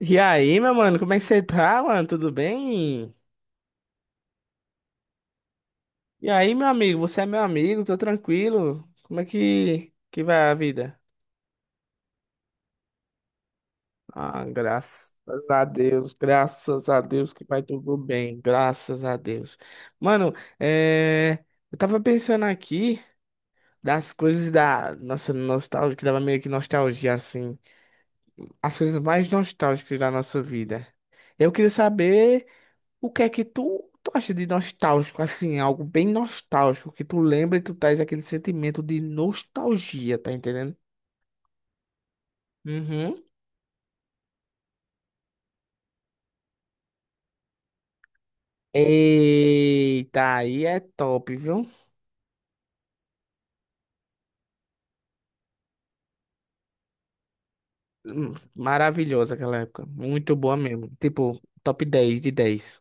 E aí, meu mano, como é que você tá, mano? Tudo bem? E aí, meu amigo, você é meu amigo, tô tranquilo. Como é que vai a vida? Ah, graças a Deus que vai tudo bem, graças a Deus. Mano, é... eu tava pensando aqui das coisas da nossa nostalgia, que dava meio que nostalgia, assim. As coisas mais nostálgicas da nossa vida. Eu queria saber. O que é que tu acha de nostálgico, assim, algo bem nostálgico, que tu lembra e tu traz aquele sentimento de nostalgia, tá entendendo? Uhum. Eita, aí é top, viu? Maravilhosa aquela época, muito boa mesmo. Tipo, top 10 de dez.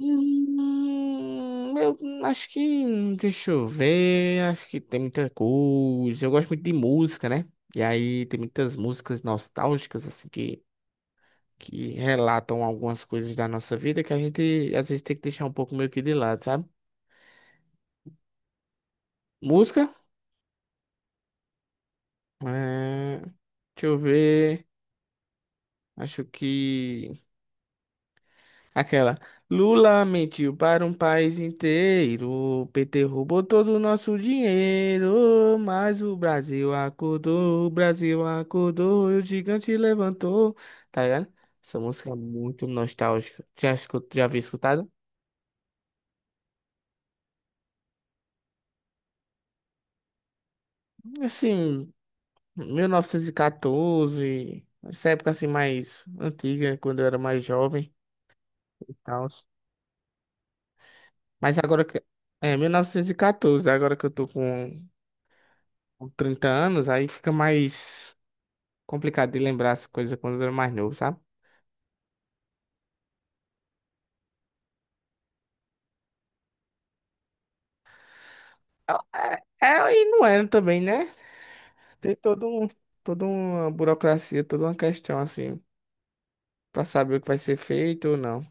Eu acho que, deixa eu ver, acho que tem muita coisa. Eu gosto muito de música, né? E aí tem muitas músicas nostálgicas, assim, que relatam algumas coisas da nossa vida que a gente às vezes tem que deixar um pouco meio que de lado, sabe? Música? É... Deixa eu ver. Acho que. Aquela. Lula mentiu para um país inteiro. O PT roubou todo o nosso dinheiro. Mas o Brasil acordou e o gigante levantou. Tá ligado? Essa música é muito nostálgica. Já, já havia escutado? Assim. 1914, essa época assim mais antiga, quando eu era mais jovem e tal. Mas agora que. É, 1914, agora que eu tô com 30 anos, aí fica mais complicado de lembrar as coisas quando eu era mais novo, sabe? É, é, e não era também, né? Tem todo um, toda uma burocracia, toda uma questão assim, pra saber o que vai ser feito ou não.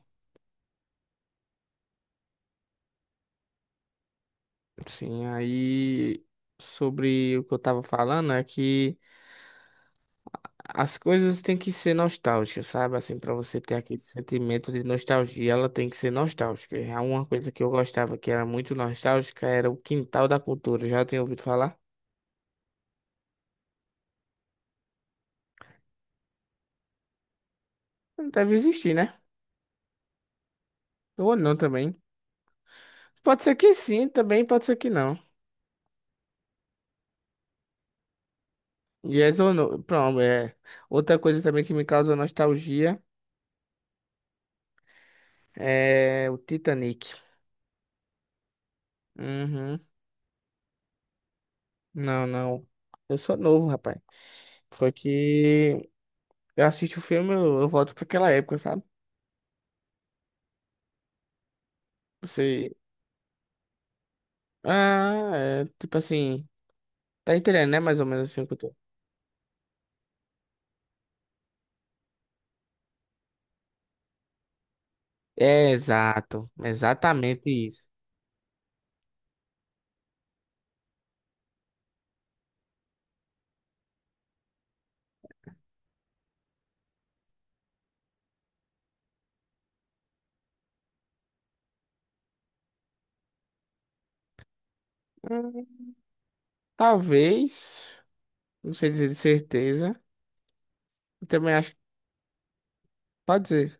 Sim, aí sobre o que eu tava falando é que. As coisas têm que ser nostálgicas, sabe? Assim, para você ter aquele sentimento de nostalgia, ela tem que ser nostálgica. E há uma coisa que eu gostava que era muito nostálgica, era o Quintal da Cultura. Já tinha ouvido falar? Não deve existir, né? Ou não também. Pode ser que sim, também pode ser que não. Yes ou no. Pronto, é. Outra coisa também que me causou nostalgia é o Titanic. Uhum. Não, não. Eu sou novo, rapaz. Foi que eu assisto o filme, eu volto para aquela época, sabe? Você. Ah, é, tipo assim, tá entendendo, né? Mais ou menos assim o que eu tô. É, exato, exatamente isso. Hum, talvez, não sei dizer de certeza. Eu também acho que pode ser.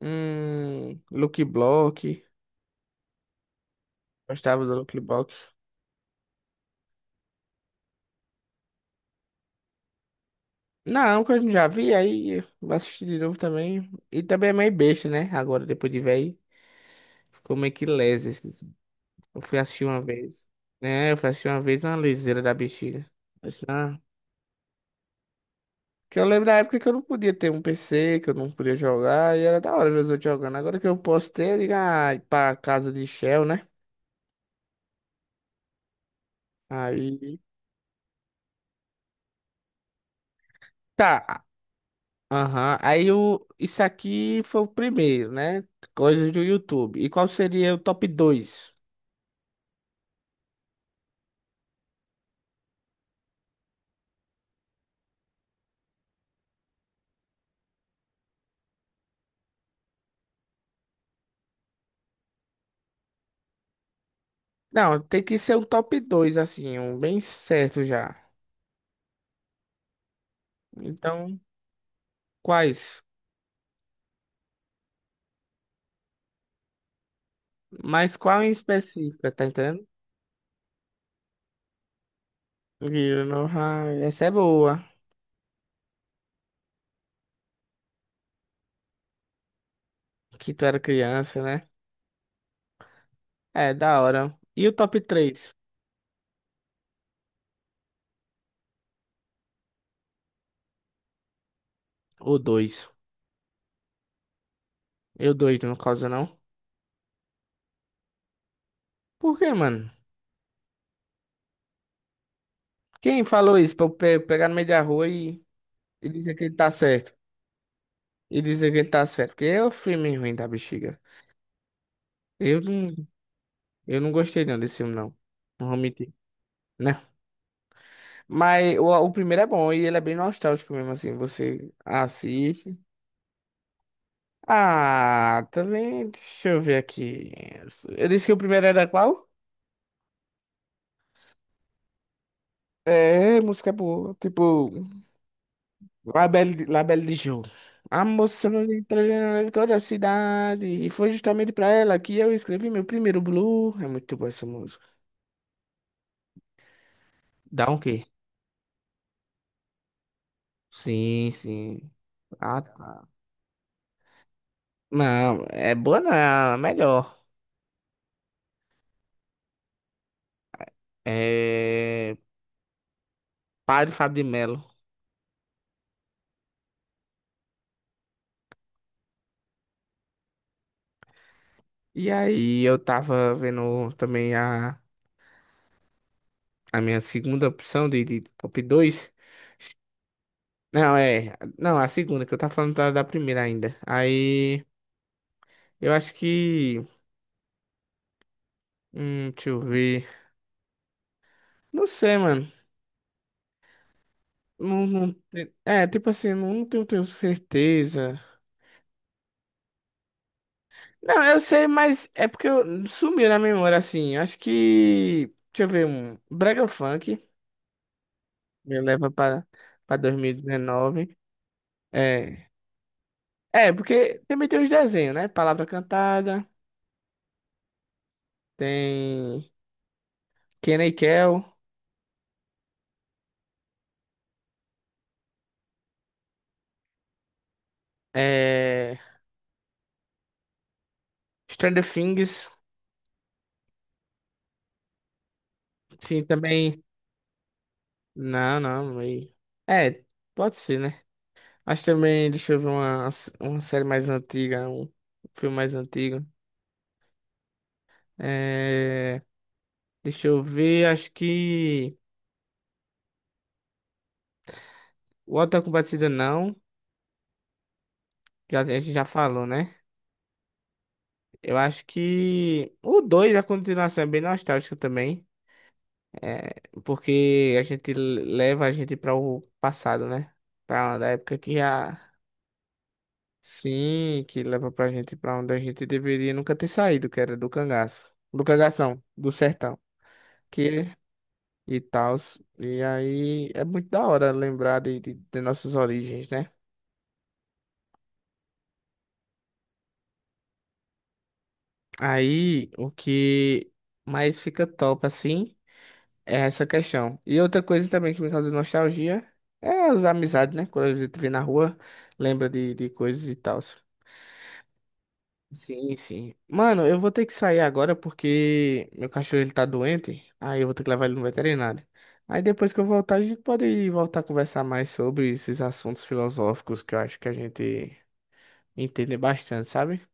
Lucky Block, gostava do Lucky Block. Não, que eu já vi, aí vou assistir de novo também. E também é meio besta, né? Agora, depois de velho, ficou meio que lesa. Eu fui assistir uma vez, né? Eu fui assistir uma vez na liseira da bexiga. Mas, que eu lembro da época que eu não podia ter um PC, que eu não podia jogar, e era da hora ver os outros jogando. Agora que eu posso ter, eu digo, ah, ir pra casa de Shell, né? Aí. Tá. Aham. Aí o. Isso aqui foi o primeiro, né? Coisas do YouTube. E qual seria o top dois? Não, tem que ser um top 2 assim, um bem certo já. Então, quais? Mas qual em específico, tá entendendo? Viu, no raio. Essa é boa. Que tu era criança, né? É, da hora. E o top três? Ou dois. Eu dois, no caso, não. Por quê, mano? Quem falou isso pra eu pegar no meio da rua e dizer que ele tá certo? E dizer que ele tá certo? Porque é o filme ruim da bexiga. Eu não, eu não gostei não desse filme, não. Não vou mentir. Né? Mas o primeiro é bom e ele é bem nostálgico mesmo, assim. Você assiste. Ah, também. Deixa eu ver aqui. Eu disse que o primeiro era qual? É, música boa. Tipo. La Belle, La Belle de Jour. A moça não entra em toda a cidade. E foi justamente pra ela que eu escrevi meu primeiro blue. É muito boa essa música. Dá um quê? Sim, sim. Ah, tá. Não, é boa não, é melhor. É Padre Fábio de Melo. E aí eu tava vendo também a minha segunda opção de top 2. Não, é. Não, a segunda, que eu tava falando da primeira ainda. Aí eu acho que. Deixa eu ver. Não sei, mano. Não, não, é, tipo assim, não, tenho certeza. Não, eu sei, mas é porque eu, sumiu na memória, assim. Acho que. Deixa eu ver, um Brega Funk me leva pra 2019. É. É, porque também tem os desenhos, né? Palavra Cantada, tem Kenny Kel, é. Stranger Things, sim, também. Não, não, meio. É, pode ser, né? Mas também, deixa eu ver uma série mais antiga, um filme mais antigo. É, deixa eu ver, acho que o Auto da Compadecida não, já, a gente já falou, né? Eu acho que o 2 a continuação é bem nostálgica também, é, porque a gente leva a gente para o passado, né? Para uma da época que a... Sim, que leva pra gente pra onde a gente deveria nunca ter saído, que era do cangaço. Do cangaço não, do sertão. Que e tal. E aí é muito da hora lembrar de nossas origens, né? Aí o que mais fica top assim é essa questão. E outra coisa também que me causa nostalgia é as amizades, né? Quando a gente vê na rua, lembra de coisas e tal. Sim, sim. Mano, eu vou ter que sair agora porque meu cachorro ele tá doente. Aí eu vou ter que levar ele no veterinário. Aí depois que eu voltar, a gente pode voltar a conversar mais sobre esses assuntos filosóficos que eu acho que a gente entender bastante, sabe?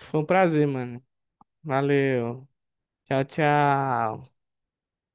Foi um prazer, mano. Valeu. Tchau, tchau.